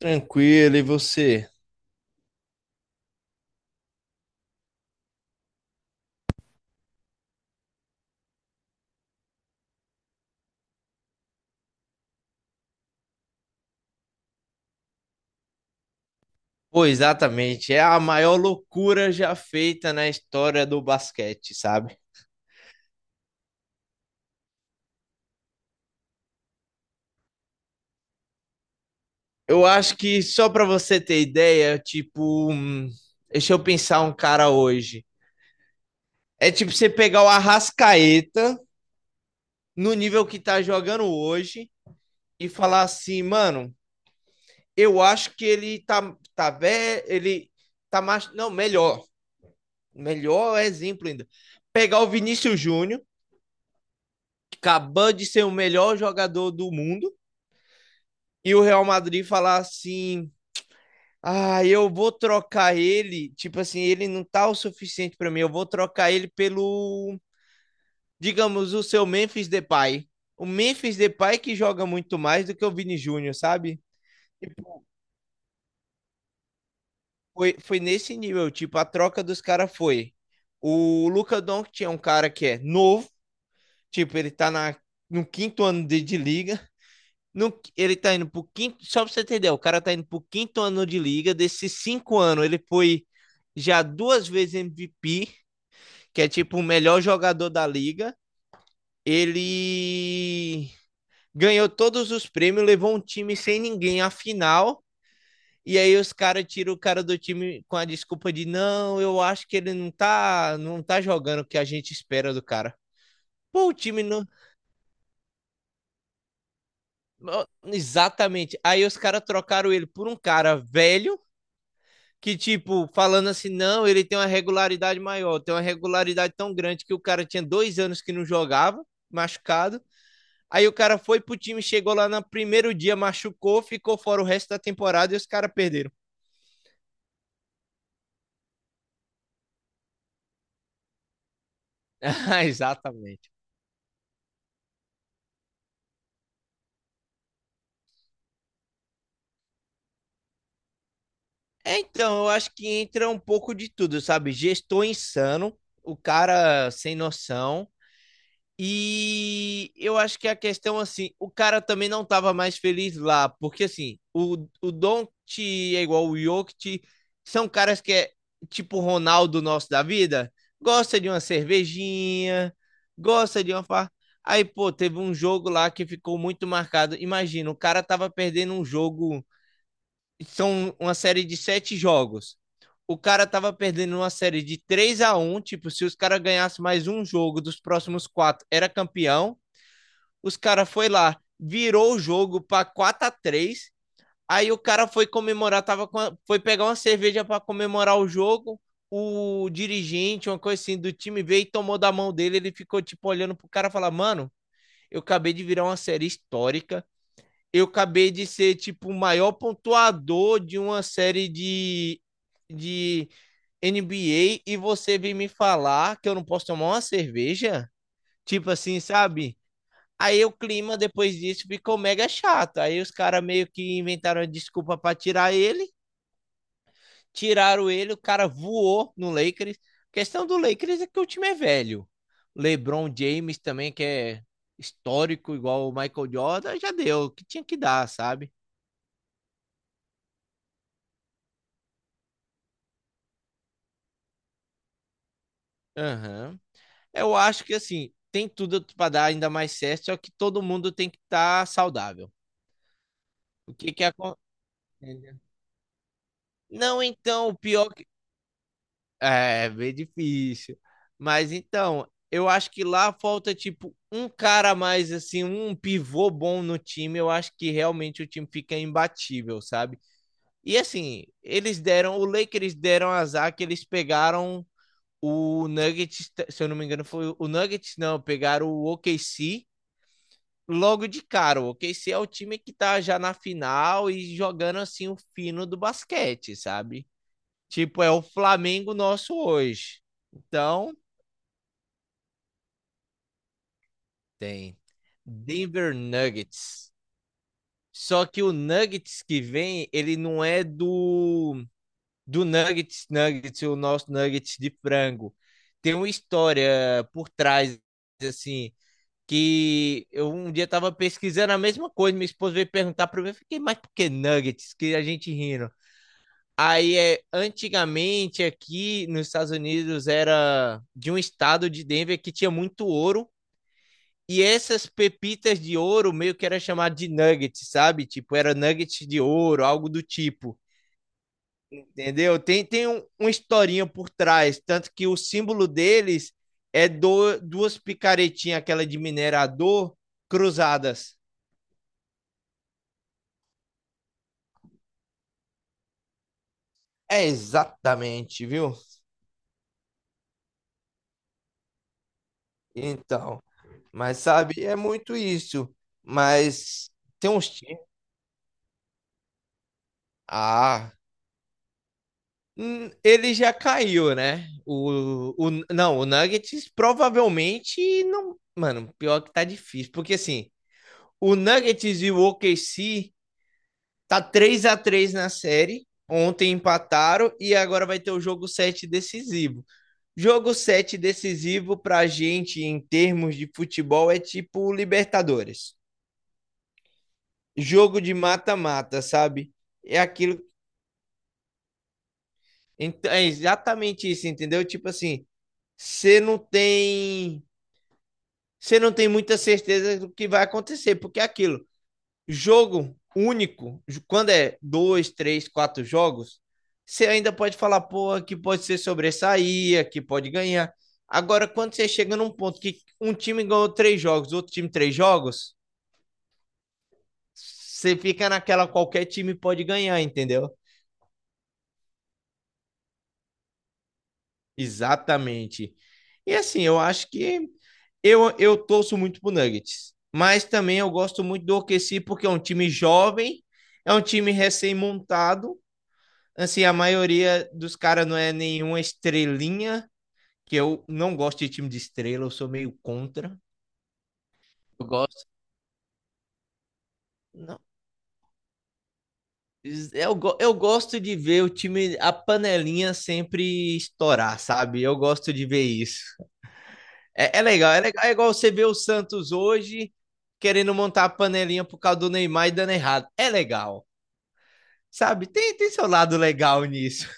Tranquilo, e você? Pô, exatamente, é a maior loucura já feita na história do basquete, sabe? Eu acho que só pra você ter ideia, tipo, deixa eu pensar um cara hoje. É tipo você pegar o Arrascaeta no nível que tá jogando hoje e falar assim, mano, eu acho que ele tá tá velho, ele tá mais, não, melhor, melhor exemplo ainda. Pegar o Vinícius Júnior, que acabou de ser o melhor jogador do mundo e o Real Madrid falar assim: ah, eu vou trocar ele, tipo assim, ele não tá o suficiente para mim, eu vou trocar ele pelo, digamos, o seu Memphis Depay. O Memphis Depay que joga muito mais do que o Vini Júnior, sabe? Tipo, foi nesse nível, tipo, a troca dos caras foi. O Luka Doncic é um cara que é novo, tipo, no quinto ano de liga. No, ele tá indo pro quinto. Só pra você entender, o cara tá indo pro quinto ano de liga. Desses cinco anos, ele foi já duas vezes MVP, que é tipo o melhor jogador da liga. Ele ganhou todos os prêmios, levou um time sem ninguém à final. E aí os caras tiram o cara do time com a desculpa de não, eu acho que ele não tá jogando o que a gente espera do cara. Pô, o time não. Exatamente. Aí os caras trocaram ele por um cara velho que, tipo, falando assim, não, ele tem uma regularidade maior, tem uma regularidade tão grande que o cara tinha dois anos que não jogava, machucado. Aí o cara foi pro time, chegou lá no primeiro dia, machucou, ficou fora o resto da temporada e os caras perderam. Exatamente. É, então, eu acho que entra um pouco de tudo, sabe? Gestor insano, o cara sem noção. E eu acho que a questão, assim, o cara também não tava mais feliz lá, porque, assim, o Doncic é igual o Jokic, são caras que é tipo o Ronaldo nosso da vida, gosta de uma cervejinha, gosta de uma farra. Aí, pô, teve um jogo lá que ficou muito marcado. Imagina, o cara tava perdendo um jogo, são uma série de 7 jogos. O cara tava perdendo uma série de 3 a um, tipo, se os caras ganhassem mais um jogo dos próximos quatro, era campeão. Os cara foi lá, virou o jogo para 4 a 3. Aí o cara foi comemorar, foi pegar uma cerveja para comemorar o jogo. O dirigente, uma coisa assim, do time veio e tomou da mão dele. Ele ficou, tipo, olhando pro cara e falar: mano, eu acabei de virar uma série histórica, eu acabei de ser tipo o maior pontuador de uma série de NBA e você vem me falar que eu não posso tomar uma cerveja? Tipo assim, sabe? Aí o clima depois disso ficou mega chato. Aí os caras meio que inventaram uma desculpa para tirar ele, tiraram ele, o cara voou no Lakers. A questão do Lakers é que o time é velho. LeBron James também, que é histórico, igual o Michael Jordan, já deu o que tinha que dar, sabe? Aham. Eu acho que assim, tem tudo para dar ainda mais certo, só que todo mundo tem que estar saudável. O que que acontece? Não, então, o pior que... é, é bem difícil. Mas então, eu acho que lá falta tipo um cara a mais assim, um pivô bom no time, eu acho que realmente o time fica imbatível, sabe? E assim, eles deram, o Lakers deram azar que eles pegaram o Nuggets, se eu não me engano, foi o Nuggets, não, pegaram o OKC logo de cara. O OKC é o time que tá já na final e jogando assim o fino do basquete, sabe? Tipo, é o Flamengo nosso hoje. Então, tem Denver Nuggets. Só que o Nuggets que vem, ele não é do Nuggets Nuggets, o nosso Nuggets de frango. Tem uma história por trás assim, que eu um dia tava pesquisando a mesma coisa, minha esposa veio perguntar para mim, eu fiquei, mas por que nuggets? Que a gente rindo. Aí é, antigamente aqui nos Estados Unidos era de um estado de Denver que tinha muito ouro e essas pepitas de ouro meio que era chamado de nuggets, sabe? Tipo, era nuggets de ouro, algo do tipo. Entendeu? Tem uma historinha por trás, tanto que o símbolo deles é do, duas picaretinhas, aquela de minerador, cruzadas. É exatamente, viu? Então, mas sabe, é muito isso. Mas tem uns times. Ah, ele já caiu, né? O Nuggets provavelmente não. Mano, pior que tá difícil. Porque assim, o Nuggets e o OKC tá 3 a 3 na série. Ontem empataram e agora vai ter o jogo 7 decisivo. Jogo 7 decisivo pra gente em termos de futebol é tipo Libertadores, jogo de mata-mata, sabe? É aquilo, é exatamente isso, entendeu? Tipo assim, você não tem, você não tem muita certeza do que vai acontecer, porque é aquilo, jogo único, quando é dois, três, quatro jogos, você ainda pode falar, pô, aqui pode ser sobressair, aqui pode ganhar. Agora, quando você chega num ponto que um time ganhou três jogos, outro time três jogos, você fica naquela qualquer time pode ganhar, entendeu? Exatamente. E assim, eu acho que eu torço muito pro Nuggets, mas também eu gosto muito do OKC porque é um time jovem, é um time recém-montado, assim, a maioria dos caras não é nenhuma estrelinha, que eu não gosto de time de estrela, eu sou meio contra. Eu gosto. Não, eu gosto de ver o time, a panelinha sempre estourar, sabe? Eu gosto de ver isso. É, é legal, é legal. É igual você ver o Santos hoje querendo montar a panelinha por causa do Neymar e dando errado. É legal, sabe? Tem, tem seu lado legal nisso,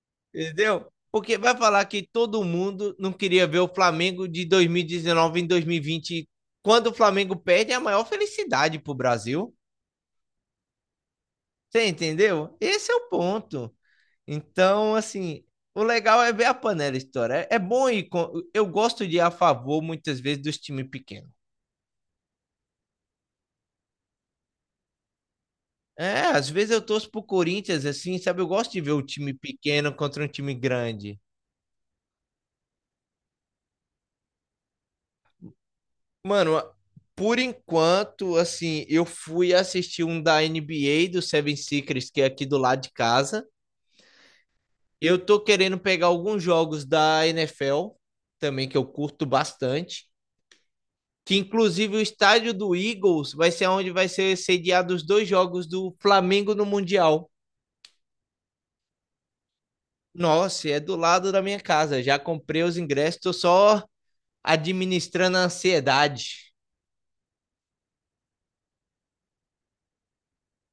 entendeu? Porque vai falar que todo mundo não queria ver o Flamengo de 2019 em 2020. Quando o Flamengo perde, é a maior felicidade pro Brasil. Você entendeu? Esse é o ponto. Então, assim, o legal é ver a panela história. É, é bom ir. Eu gosto de ir a favor, muitas vezes, dos times pequenos. É, às vezes eu torço pro Corinthians, assim, sabe? Eu gosto de ver o time pequeno contra um time grande. Mano, a- por enquanto, assim, eu fui assistir um da NBA do Seven Secrets, que é aqui do lado de casa. Eu tô querendo pegar alguns jogos da NFL, também que eu curto bastante. Que inclusive o estádio do Eagles vai ser onde vai ser sediado os dois jogos do Flamengo no Mundial. Nossa, é do lado da minha casa. Já comprei os ingressos, tô só administrando a ansiedade.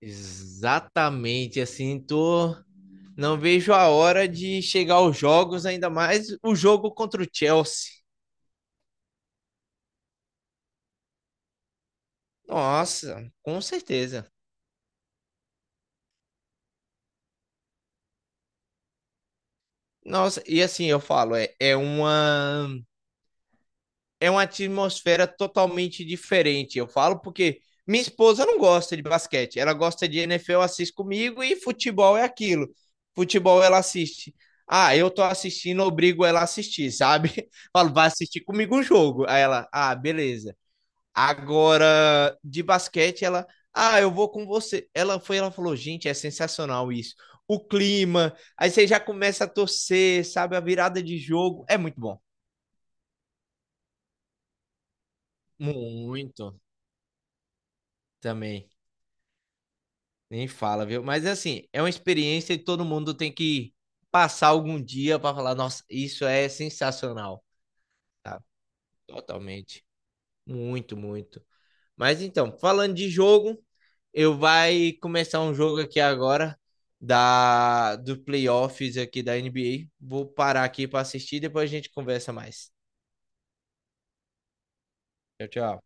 Exatamente, assim, tô. Não vejo a hora de chegar aos jogos, ainda mais o jogo contra o Chelsea. Nossa, com certeza. Nossa, e assim eu falo, é, é uma atmosfera totalmente diferente. Eu falo porque minha esposa não gosta de basquete, ela gosta de NFL, assiste comigo e futebol é aquilo. Futebol ela assiste. Ah, eu tô assistindo, obrigo ela a assistir, sabe? Falo, vai assistir comigo um jogo. Aí ela, ah, beleza. Agora, de basquete, ela, ah, eu vou com você. Ela foi, ela falou, gente, é sensacional isso. O clima, aí você já começa a torcer, sabe? A virada de jogo. É muito bom. Muito também. Nem fala, viu? Mas assim, é uma experiência e todo mundo tem que passar algum dia para falar, nossa, isso é sensacional. Tá, totalmente. Muito, muito. Mas então, falando de jogo, eu vai começar um jogo aqui agora da do playoffs aqui da NBA. Vou parar aqui para assistir, depois a gente conversa mais. Tchau, tchau.